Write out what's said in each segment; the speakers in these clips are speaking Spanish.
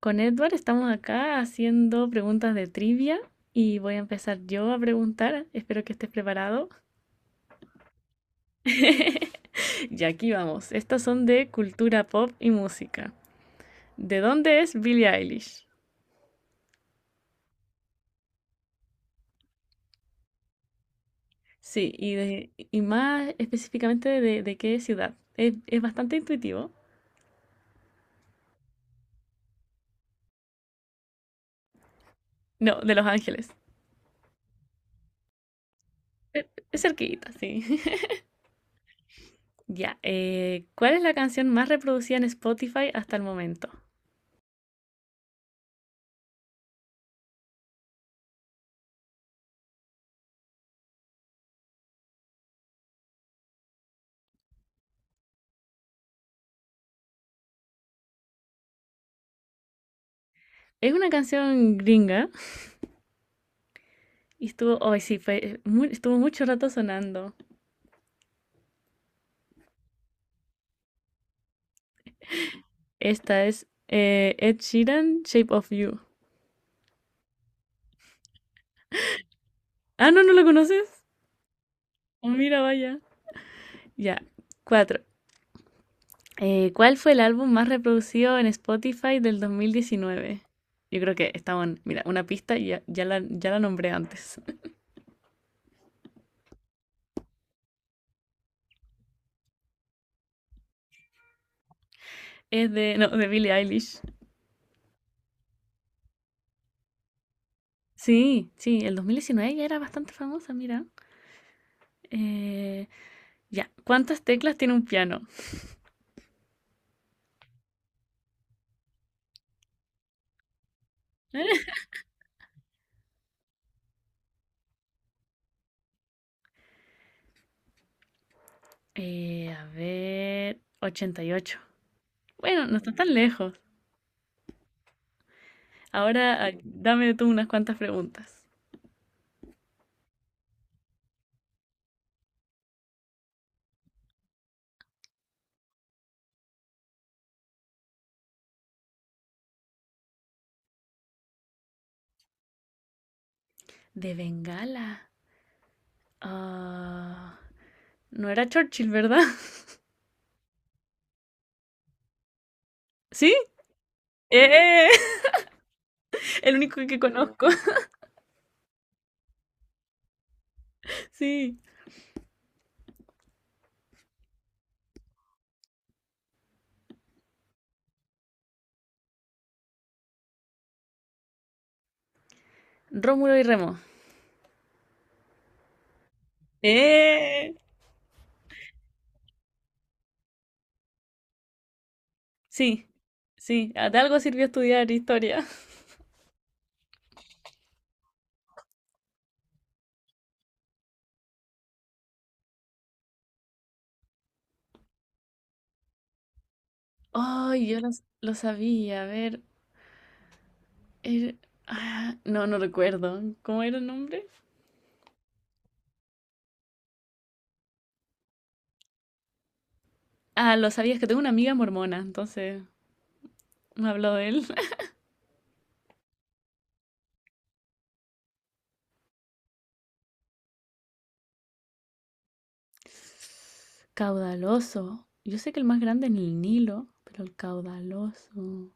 Con Edward estamos acá haciendo preguntas de trivia y voy a empezar yo a preguntar. Espero que estés preparado. Y aquí vamos. Estas son de cultura pop y música. ¿De dónde es Billie Eilish? Sí, y, y más específicamente de qué ciudad. Es bastante intuitivo. No, de Los Ángeles. Es cerquita, sí. Ya, ¿cuál es la canción más reproducida en Spotify hasta el momento? Es una canción gringa. Y estuvo, hoy sí, estuvo mucho rato sonando. Esta es Ed Sheeran, Shape of You. Ah, no, ¿no la conoces? Oh, mira, vaya. Ya, cuatro. ¿Cuál fue el álbum más reproducido en Spotify del 2019? Yo creo que estaba en, mira, una pista y ya, ya la nombré antes. Es de, no, de Billie Eilish. Sí, sí, el 2019 ya era bastante famosa, mira. Eh, ya, ¿cuántas teclas tiene un piano? A ver, 88. Bueno, no está tan lejos. Ahora, ah, dame tú unas cuantas preguntas. De Bengala. Ah, no era Churchill, ¿verdad? ¿Sí? ¡Eh! El único que conozco. Sí. Rómulo y Remo. ¡Eh! Sí. Sí. De algo sirvió estudiar historia. Ay, yo lo, lo sabía. A ver. era- no, no recuerdo. ¿Cómo era el nombre? Ah, lo sabía. Es que tengo una amiga mormona, entonces me habló de él. Caudaloso. Yo sé que el más grande es el Nilo, pero el caudaloso.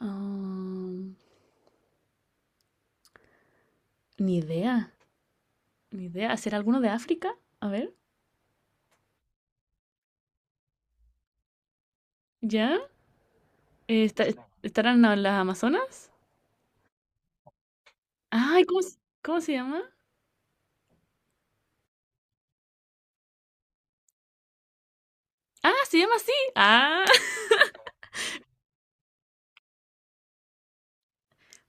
ah, Ni idea, ni idea. ¿Será alguno de África? A ver, ¿ya? Eh, está- ¿Estarán las Amazonas? Ay, ¿cómo se llama? Ah, se llama así. Ah,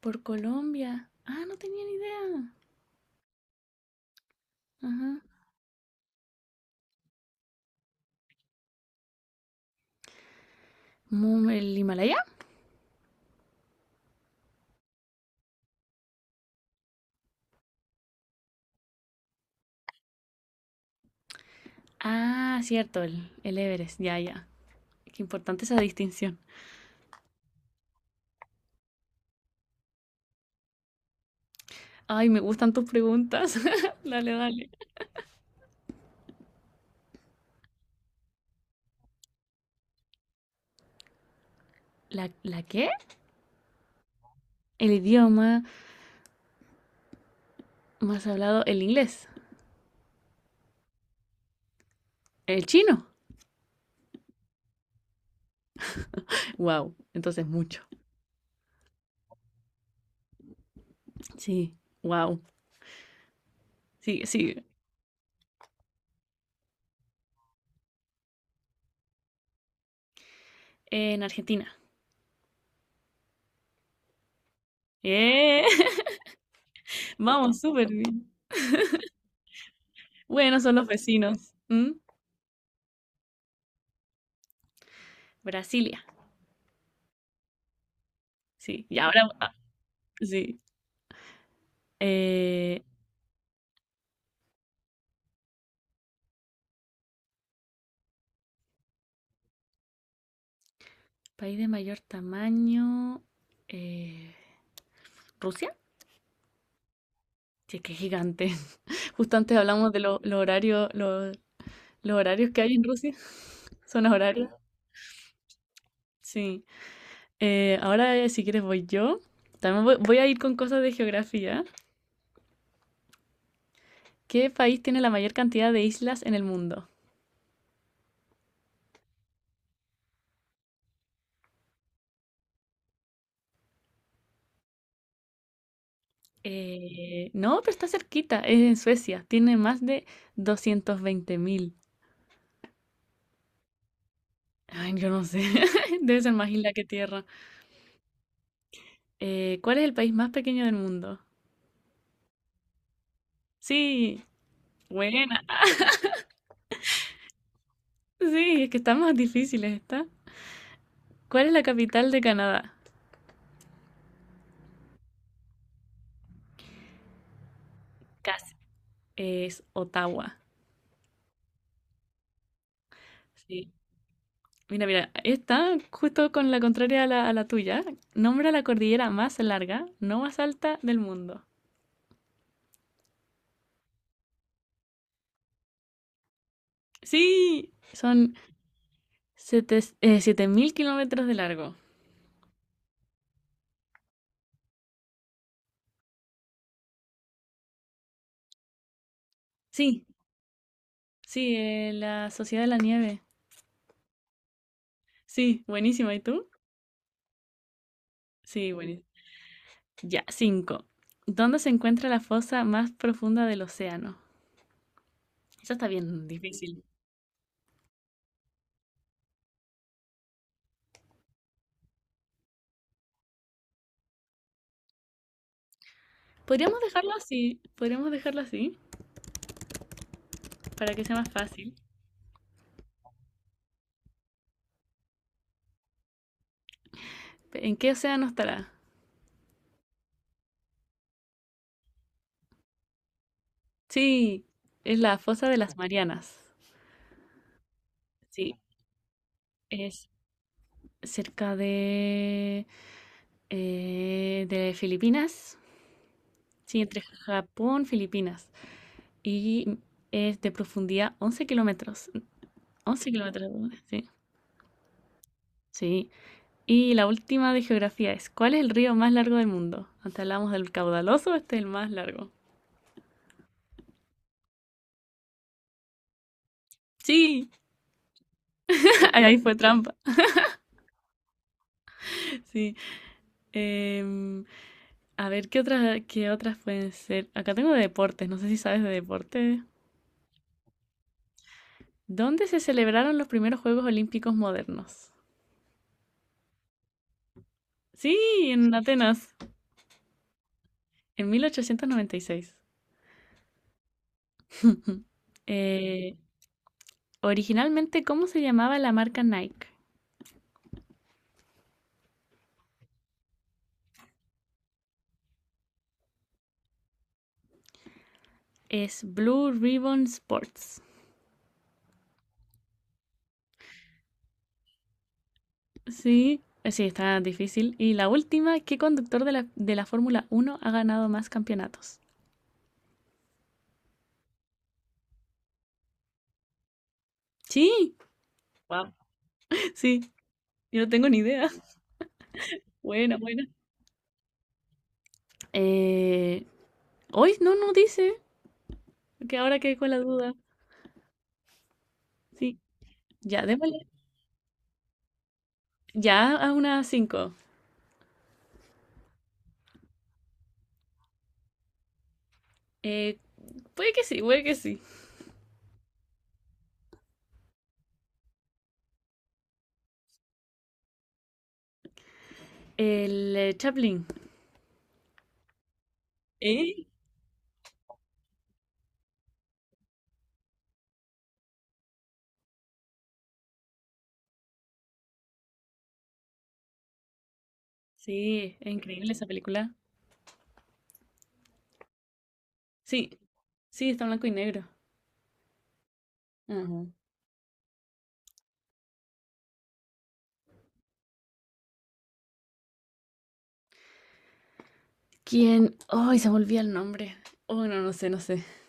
por Colombia. Ah, no tenía ni idea. Ajá. ¿El Himalaya? Ah, cierto, el Everest. Ya, ya. Qué importante esa distinción. Ay, me gustan tus preguntas. Dale, dale. ¿La, la qué? El idioma más hablado, el inglés, el chino. Wow, entonces mucho. Sí, wow. Sí, sí. En Argentina. ¡Eh! Vamos, súper bien. Bueno, son los vecinos. ¿Mm? Brasilia. Sí, y ahora, ah, sí. Eh, país de mayor tamaño. eh, ¿Rusia? Sí, es que es gigante. Justo antes hablamos de los horarios, los horarios que hay en Rusia. Son horarios. Sí. Ahora, si quieres, voy yo. También voy a ir con cosas de geografía. ¿Qué país tiene la mayor cantidad de islas en el mundo? No, pero está cerquita, es en Suecia. Tiene más de 220.000. Ay, yo no sé. Debe ser más isla que tierra. ¿Cuál es el país más pequeño del mundo? Sí, buena. Sí, es que están más difíciles, ¿está? ¿Cuál es la capital de Canadá? Casi. Es Ottawa. Sí. Mira, mira, esta, justo con la contraria a a la tuya, nombra la cordillera más larga, no más alta del mundo. Sí, son siete 7.000 kilómetros de largo. Sí, sí, la Sociedad de la Nieve. Sí, buenísima. ¿Y tú? Sí, buenísima. Ya, cinco. ¿Dónde se encuentra la fosa más profunda del océano? Eso está bien difícil. Podríamos dejarlo así, para que sea más fácil. ¿En qué océano estará? Sí, es la fosa de las Marianas. Sí, es cerca de Filipinas. Sí, entre Japón, Filipinas. Y es de profundidad 11 kilómetros. Once kilómetros, sí. Sí. Y la última de geografía es, ¿cuál es el río más largo del mundo? Antes hablamos del caudaloso, este es el más largo. Sí, ahí fue trampa. Sí. Em, a ver, ¿qué otras pueden ser? Acá tengo de deportes, no sé si sabes de deportes. ¿Dónde se celebraron los primeros Juegos Olímpicos modernos? Sí, en Atenas, en 1896. Eh, originalmente, ¿cómo se llamaba la marca Nike? Es Blue Ribbon Sports. Sí, sí, está difícil. Y la última, ¿qué conductor de de la Fórmula Uno ha ganado más campeonatos? Sí, wow. Sí, yo no tengo ni idea. Buena, buena. Eh, hoy no, no dice, que ahora quedé con la duda. Sí, ya, démosle. Ya a unas cinco. Eh, puede que sí, puede que sí. El Chaplin. ¿Eh? Sí, es increíble esa película. Sí, sí, está en blanco y negro. Ajá. ¿Quién? Ay, se me olvida el nombre. Oh, no, no sé, no sé.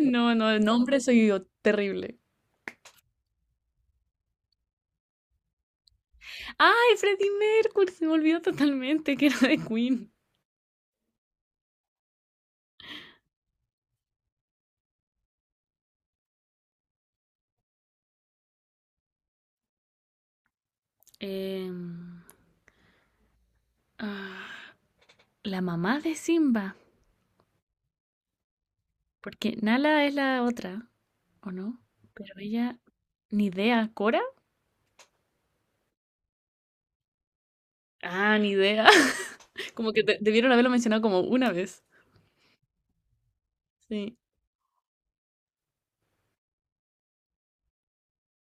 No, no, el nombre soy yo, terrible. ¡Ay, Freddie Mercury! Se me olvidó totalmente que era de Queen. Em, ah, la mamá de Simba. Porque Nala es la otra, ¿o no? Pero ella, ni idea, ¿Cora? Ah, ni idea. Como que debieron haberlo mencionado como una vez. Sí.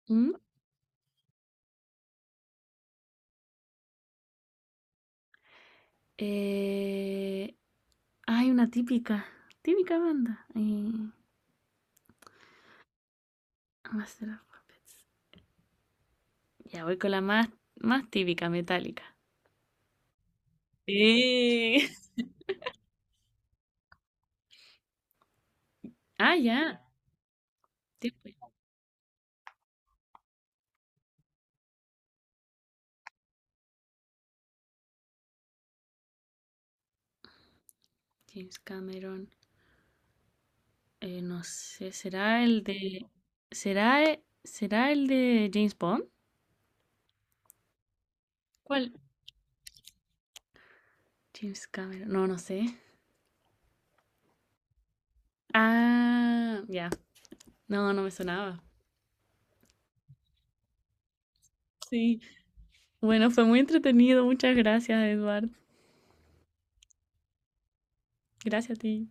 Mm, eh, hay una típica banda. Master of Puppets. Ya voy con más típica, metálica. Sí. Ah, ya. Tiempo ya. James Cameron. No sé, ¿será el de... ¿será el de James Bond? ¿Cuál? James Cameron. No, no sé. Ah, ya. No, no me sonaba. Sí. Bueno, fue muy entretenido. Muchas gracias, Eduard. Gracias a ti.